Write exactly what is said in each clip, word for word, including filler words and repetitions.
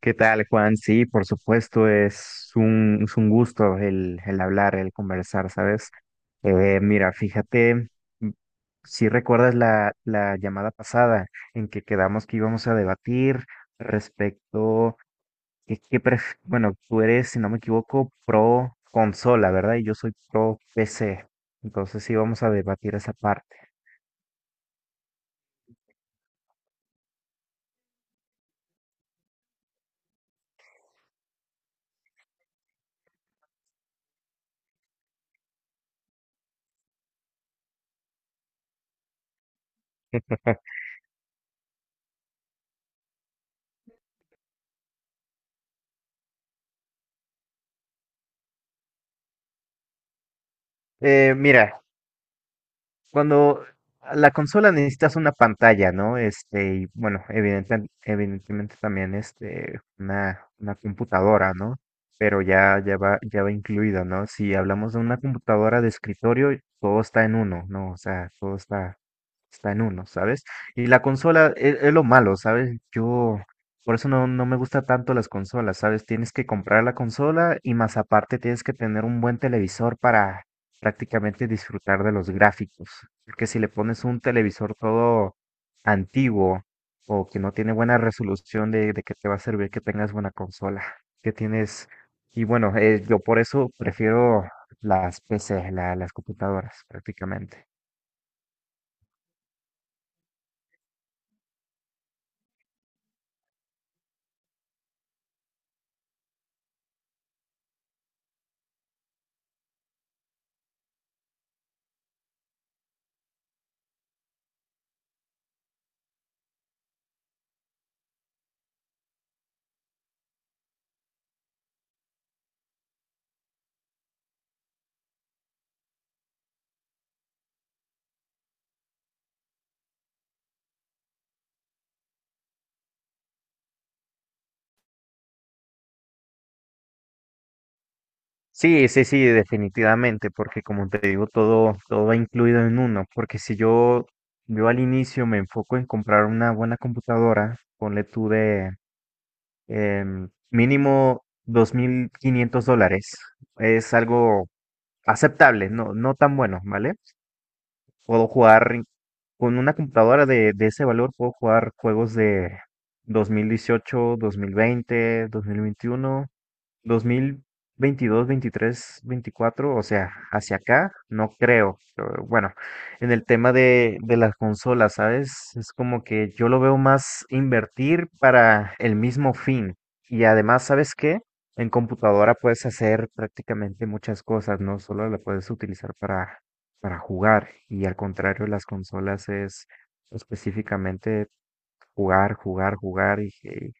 ¿Qué tal, Juan? Sí, por supuesto, es un, es un gusto el, el hablar, el conversar, ¿sabes? Eh, mira, fíjate, m- si recuerdas la, la llamada pasada en que quedamos que íbamos a debatir respecto que, qué pref- bueno, tú eres, si no me equivoco, pro consola, ¿verdad? Y yo soy pro P C. Entonces sí vamos a debatir esa parte. Eh, mira, cuando a la consola necesitas una pantalla, ¿no? Este, y bueno, evidenten- evidentemente también este, una, una computadora, ¿no? Pero ya, ya va, ya va incluido, ¿no? Si hablamos de una computadora de escritorio, todo está en uno, ¿no? O sea, todo está, está en uno, ¿sabes? Y la consola es, es lo malo, ¿sabes? Yo, por eso no, no me gusta tanto las consolas, ¿sabes? Tienes que comprar la consola y más aparte tienes que tener un buen televisor para prácticamente disfrutar de los gráficos. Porque si le pones un televisor todo antiguo o que no tiene buena resolución, de, de que te va a servir que tengas buena consola, que tienes... Y bueno, eh, yo por eso prefiero las P C, la- las computadoras prácticamente. Sí, sí, sí, definitivamente, porque como te digo, todo, todo va incluido en uno, porque si yo, yo al inicio me enfoco en comprar una buena computadora, ponle tú de em, mínimo dos mil quinientos dólares. Es algo aceptable, no, no tan bueno, ¿vale? Puedo jugar con una computadora de, de ese valor, puedo jugar juegos de dos dos mil mil dieciocho, dos mil veinte, dos mil veintiuno, dos mil veintidós, veintitrés, veinticuatro, o sea, hacia acá, no creo. Pero bueno, en el tema de, de las consolas, ¿sabes? Es como que yo lo veo más invertir para el mismo fin. Y además, ¿sabes qué? En computadora puedes hacer prácticamente muchas cosas, no solo la puedes utilizar para, para jugar. Y al contrario, las consolas es específicamente jugar, jugar, jugar y, y-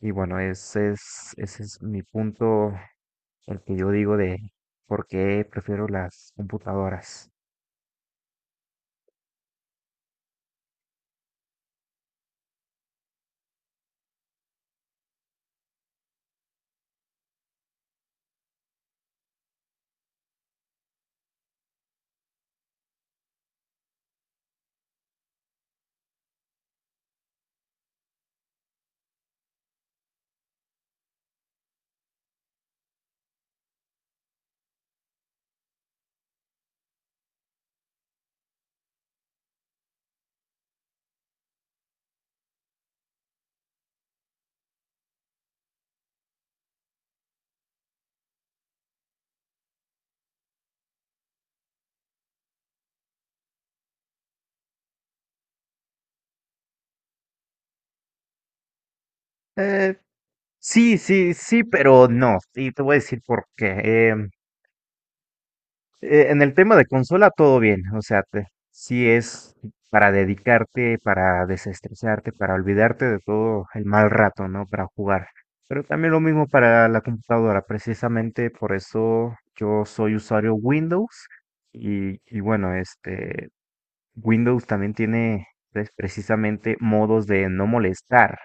y bueno, ese es, ese es mi punto el que yo digo de por qué prefiero las computadoras. Eh, Sí, sí, sí, pero no. Y te voy a decir por qué. Em, eh, en el tema de consola, todo bien. O sea, te- sí es para dedicarte, para desestresarte, para olvidarte de todo el mal rato, ¿no? Para jugar. Pero también lo mismo para la computadora. Precisamente por eso yo soy usuario Windows. Y, y bueno, este, Windows también tiene, pues, precisamente modos de no molestar.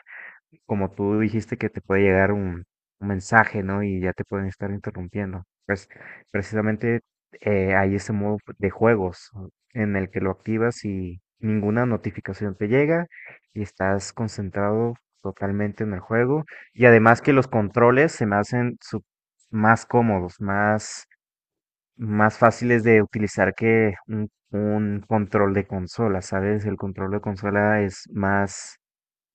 Como tú dijiste que te puede llegar un, un mensaje, ¿no? Y ya te pueden estar interrumpiendo. Pues precisamente eh, hay ese modo de juegos en el que lo activas y ninguna notificación te llega y estás concentrado totalmente en el juego. Y además que los controles se me hacen su- más cómodos, más más fáciles de utilizar que un, un control de consola, ¿sabes? El control de consola es más,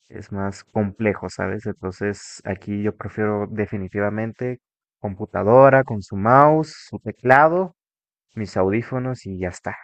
es más complejo, ¿sabes? Entonces aquí yo prefiero definitivamente computadora con su mouse, su teclado, mis audífonos y ya está.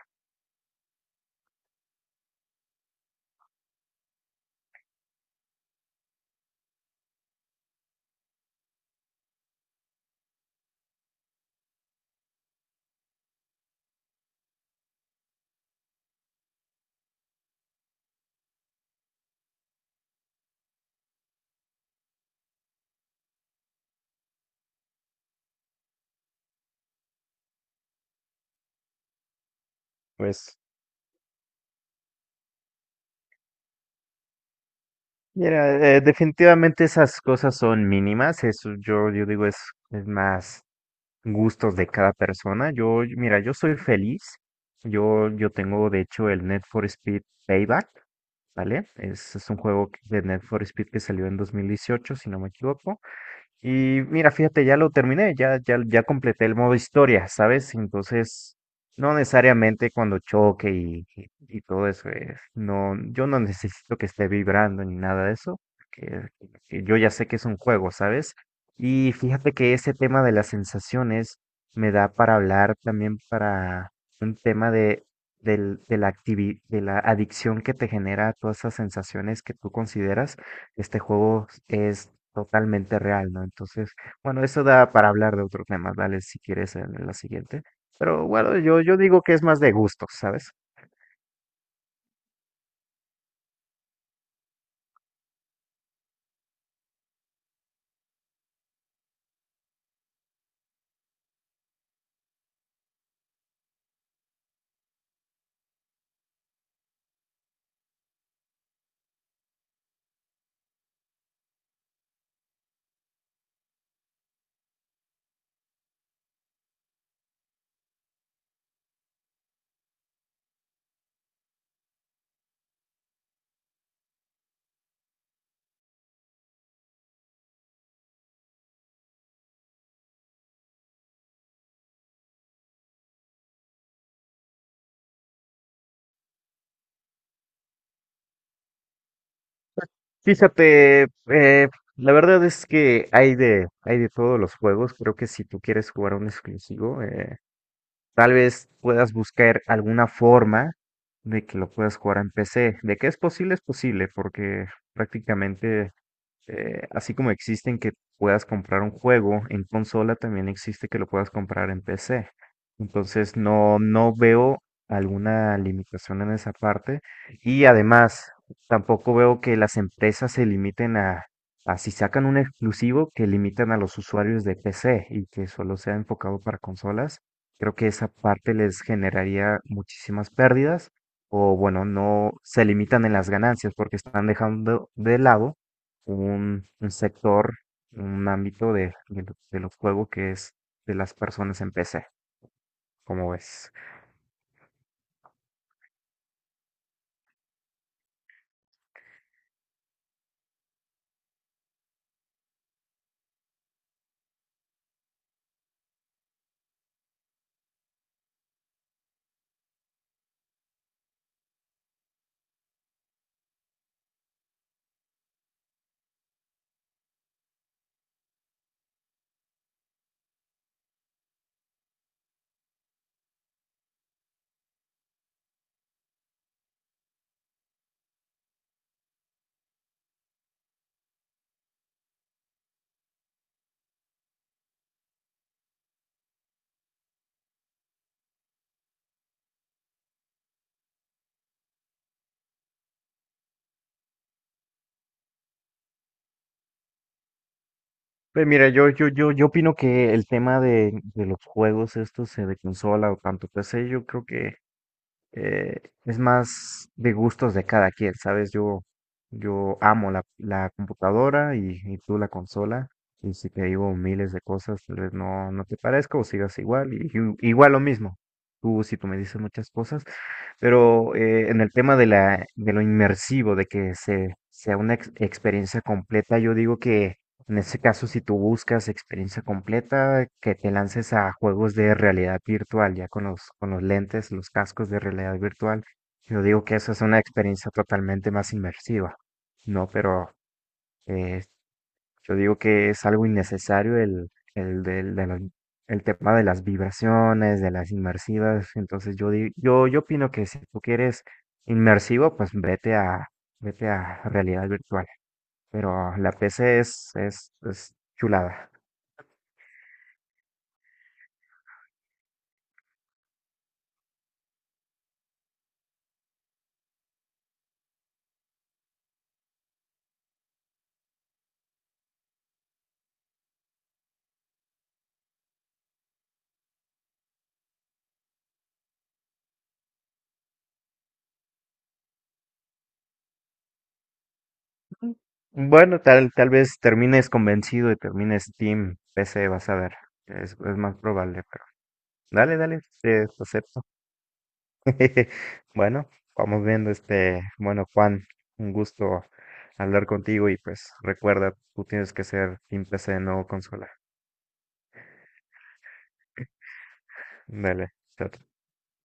Pues, mira, eh, definitivamente esas cosas son mínimas, eso yo, yo digo es, es, más gustos de cada persona. Yo, mira, yo soy feliz. Yo, yo tengo, de hecho, el Need for Speed Payback, ¿vale? Es, es un juego que- de Need for Speed que salió en dos mil dieciocho, si no me equivoco. Y mira, fíjate, ya lo terminé, ya, ya, ya completé el modo historia, ¿sabes? Entonces, no necesariamente cuando choque y, y- y todo eso, eh, no, yo no necesito que esté vibrando ni nada de eso, porque que yo ya sé que es un juego, ¿sabes? Y fíjate que ese tema de las sensaciones me da para hablar también para un tema de, del- de la activi- de la adicción que te genera todas esas sensaciones que tú consideras este juego es totalmente real, ¿no? Entonces, bueno, eso da para hablar de otro tema, dale si quieres en la siguiente. Pero bueno, yo, yo digo que es más de gustos, ¿sabes? Fíjate, eh, la verdad es que hay de, hay de todos los juegos. Creo que si tú quieres jugar un exclusivo, eh, tal vez puedas buscar alguna forma de que lo puedas jugar en P C. De que es posible, es posible, porque prácticamente sí. Eh, así como existen que puedas comprar un juego en consola, también existe que lo puedas comprar en P C. Entonces no, no veo alguna limitación en esa parte. Y además, tampoco veo que las empresas se limiten a, a si sacan un exclusivo, que limitan a los usuarios de P C y que solo sea enfocado para consolas. Creo que esa parte les generaría muchísimas pérdidas, o bueno, no se limitan en las ganancias porque están dejando de lado un, un sector, un ámbito de, de lo- de los juegos, que es de las personas en P C, como ves. Pues mira, yo, yo, yo, yo opino que el tema de, de los juegos estos, eh, de consola o tanto P C, yo creo que eh, es más de gustos de cada quien, ¿sabes? Yo, yo amo la, la computadora y, y tú la consola. Y si te digo miles de cosas, tal vez no, no te parezca o sigas igual. Y, y- igual lo mismo. Tú, si tú me dices muchas cosas, pero eh, en el tema de la, de lo inmersivo, de que se, sea una ex- experiencia completa, yo digo que en ese caso, si tú buscas experiencia completa, que te lances a juegos de realidad virtual, ya con los, con los, lentes, los cascos de realidad virtual, yo digo que esa es una experiencia totalmente más inmersiva, ¿no? Pero eh, yo digo que es algo innecesario el, el, del- de las- el tema de las vibraciones, de las inmersivas. Entonces yo, di- yo, yo opino que si tú quieres inmersivo, pues vete a, vete a realidad virtual. Pero la P C es, es, es chulada. Mm. Bueno, tal, tal vez termines convencido y termines Team P C, vas a ver. Es, es más probable, pero dale, dale, te acepto. Bueno, vamos viendo, este, bueno, Juan, un gusto hablar contigo y pues recuerda, tú tienes que ser Team P C, no consola. Dale, chao.